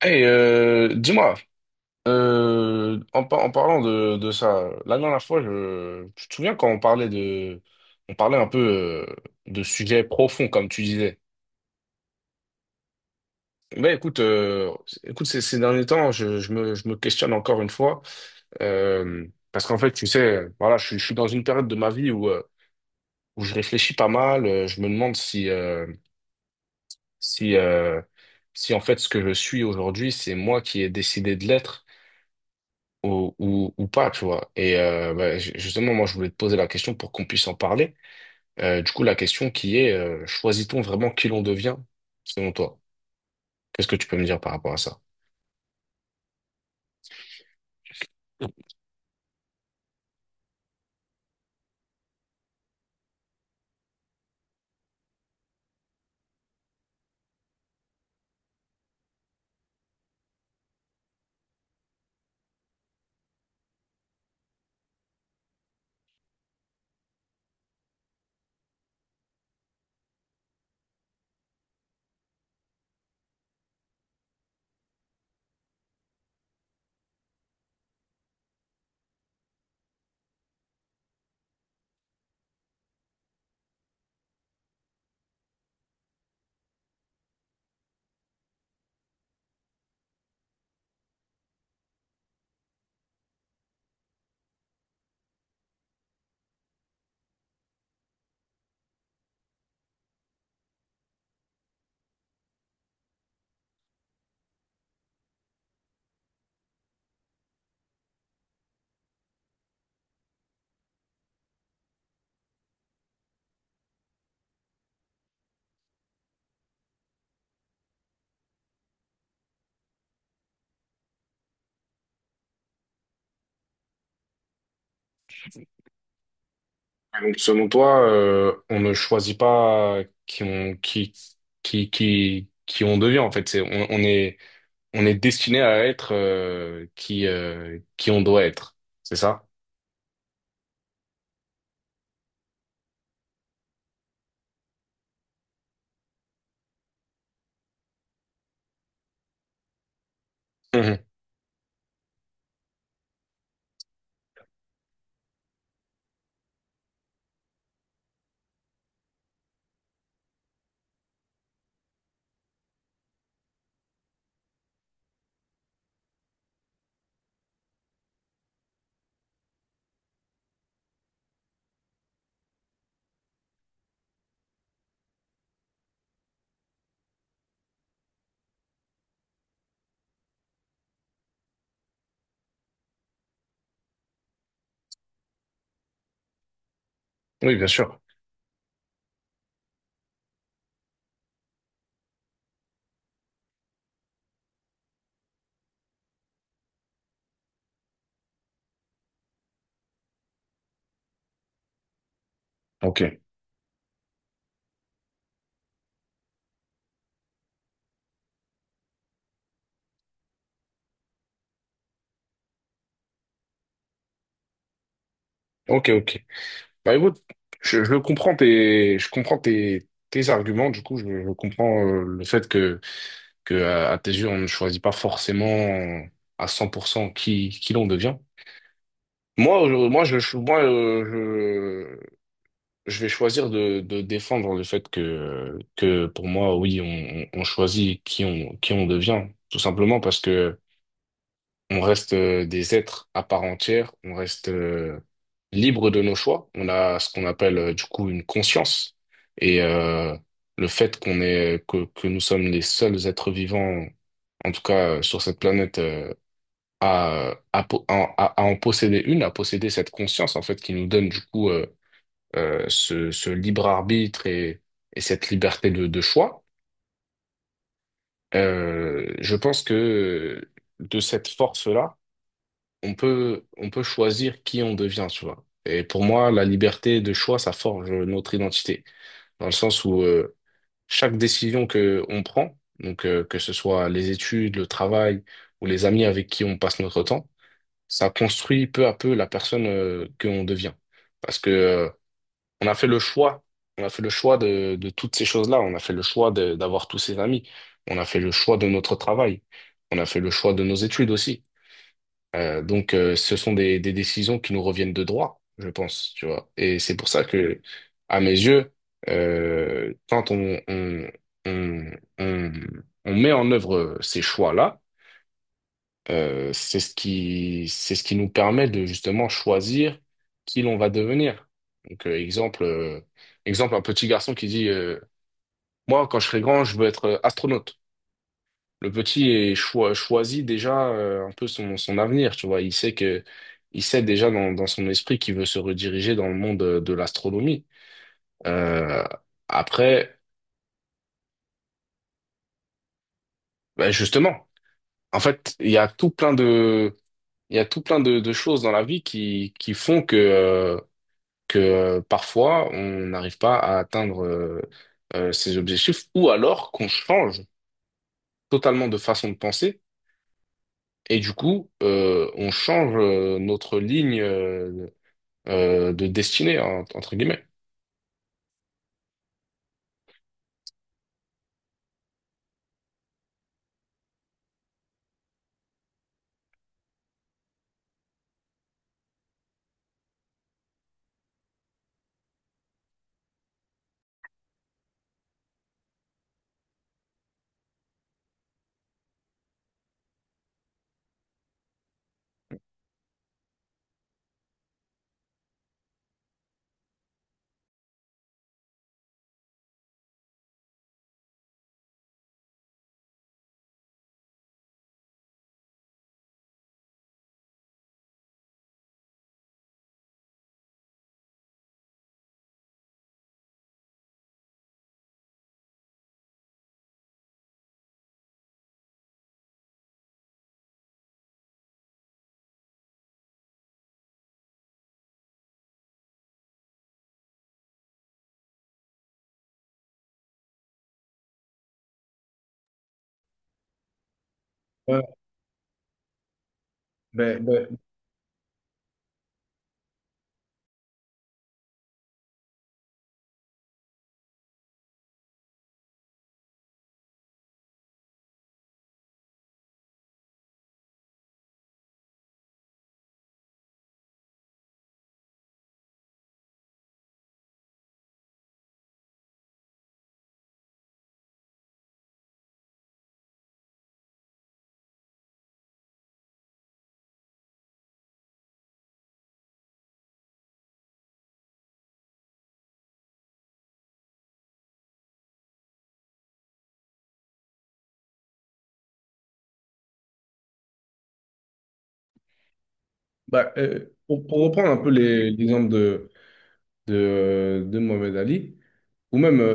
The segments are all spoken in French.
Hey, dis-moi, en parlant de ça, la dernière fois, je te souviens quand on parlait un peu euh, de sujets profonds, comme tu disais. Ben écoute, ces derniers temps, je me questionne encore une fois, parce qu'en fait, tu sais, voilà, je suis dans une période de ma vie où je réfléchis pas mal, je me demande si, euh, si en fait, ce que je suis aujourd'hui, c'est moi qui ai décidé de l'être ou pas, tu vois. Et bah, justement, moi, je voulais te poser la question pour qu'on puisse en parler. Du coup, la question qui est, choisit-on vraiment qui l'on devient, selon toi? Qu'est-ce que tu peux me dire par rapport à ça? Donc, selon toi, on ne choisit pas qui on, qui, qui on devient, en fait. On est destiné à être qui on doit être. C'est ça? Mhm. Oui, bien sûr. Ok. Ok, ok. Bah écoute, je comprends tes arguments, du coup, je comprends le fait que à tes yeux, on ne choisit pas forcément à 100% qui l'on devient. Moi, moi, moi, je vais choisir de défendre le fait que pour moi, oui, on choisit qui on devient, tout simplement parce que on reste des êtres à part entière, on reste libre de nos choix. On a ce qu'on appelle du coup une conscience. Et le fait que nous sommes les seuls êtres vivants, en tout cas sur cette planète, à en posséder une, à posséder cette conscience en fait qui nous donne du coup ce libre arbitre et cette liberté de choix. Je pense que de cette force-là on peut choisir qui on devient, tu vois. Et pour moi, la liberté de choix, ça forge notre identité, dans le sens où chaque décision que on prend, donc que ce soit les études, le travail ou les amis avec qui on passe notre temps, ça construit peu à peu la personne que on devient. Parce que on a fait le choix, on a fait le choix de toutes ces choses-là, on a fait le choix d'avoir tous ces amis, on a fait le choix de notre travail, on a fait le choix de nos études aussi. Donc, ce sont des décisions qui nous reviennent de droit, je pense, tu vois. Et c'est pour ça que, à mes yeux, quand on, on, on met en œuvre ces choix-là, c'est ce qui nous permet de justement choisir qui l'on va devenir. Donc, exemple, un petit garçon qui dit, moi, quand je serai grand, je veux être astronaute. Le petit choisit déjà un peu son avenir, tu vois. Il sait déjà dans son esprit qu'il veut se rediriger dans le monde de l'astronomie. Euh, Après, ben justement, en fait, il y a tout plein de choses dans la vie qui font que parfois on n'arrive pas à atteindre ses objectifs ou alors qu'on change totalement de façon de penser. Et du coup, on change notre ligne de destinée, hein, entre guillemets. Ouais, ben, ben, ben, pour reprendre un peu l'exemple de Mohamed Ali, ou même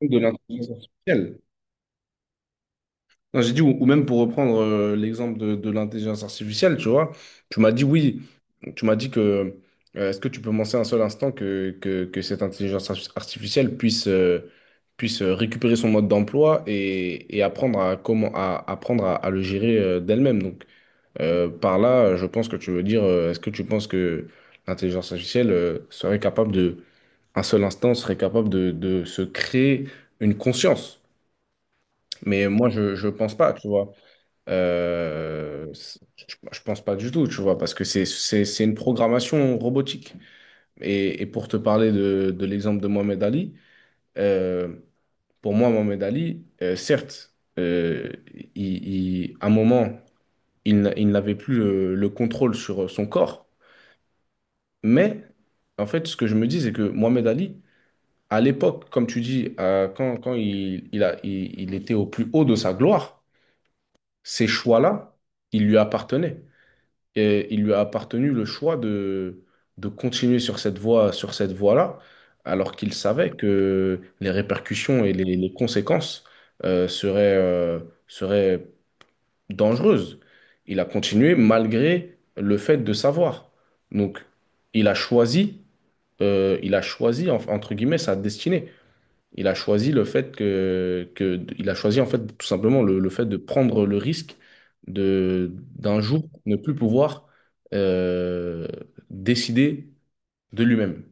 de l'intelligence artificielle. Non, j'ai dit, ou même pour reprendre l'exemple de l'intelligence artificielle, tu vois, tu m'as dit oui, tu m'as dit que, est-ce que tu peux penser un seul instant que cette intelligence artificielle puisse récupérer son mode d'emploi et apprendre apprendre à le gérer d'elle-même. Donc. Par là, je pense que tu veux dire, est-ce que tu penses que l'intelligence artificielle serait capable un seul instant, serait capable de se créer une conscience? Mais moi, je ne pense pas, tu vois. Euh, c'est- je pense pas du tout, tu vois, parce que c'est une programmation robotique. Et pour te parler de l'exemple de Mohamed Ali, euh, pour moi, Mohamed Ali, certes, à un moment, il, n'a- il n'avait plus le contrôle sur son corps. Mais en fait, ce que je me dis, c'est que Mohamed Ali, à l'époque, comme tu dis, quand il était au plus haut de sa gloire, ces choix-là, ils lui appartenaient. Et il lui a appartenu le choix de continuer sur cette voie, sur cette voie-là, alors qu'il savait que les répercussions et les conséquences euh, seraient, euh, seraient dangereuses. Il a continué malgré le fait de savoir. Donc, il a choisi il a choisi entre guillemets sa destinée. Il a choisi le fait que il a choisi en fait tout simplement le fait de prendre le risque de d'un jour ne plus pouvoir euh, décider de lui-même.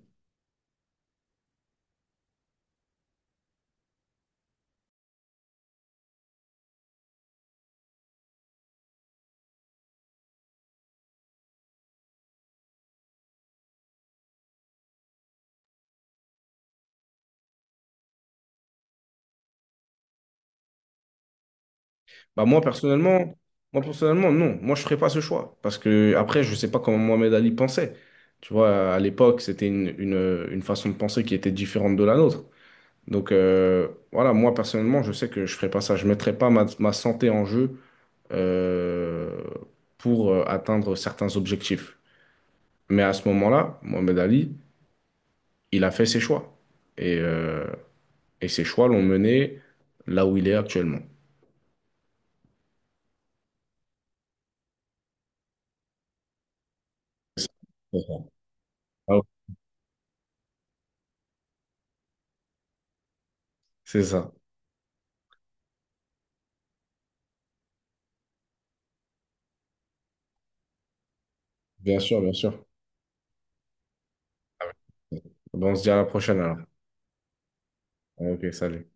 Bah moi personnellement non, moi je ferais pas ce choix parce que après je sais pas comment Mohamed Ali pensait. Tu vois, à l'époque, c'était une façon de penser qui était différente de la nôtre. Donc voilà, moi personnellement, je sais que je ferais pas ça. Je mettrais pas ma santé en jeu euh, pour atteindre certains objectifs. Mais à ce moment-là, Mohamed Ali, il a fait ses choix. Et, euh, et ses choix l'ont mené là où il est actuellement. C'est ça. Ah ouais, c'est ça. Bien sûr, bien sûr. Ah ouais. Bon, on se dit à la prochaine alors. Ok, salut.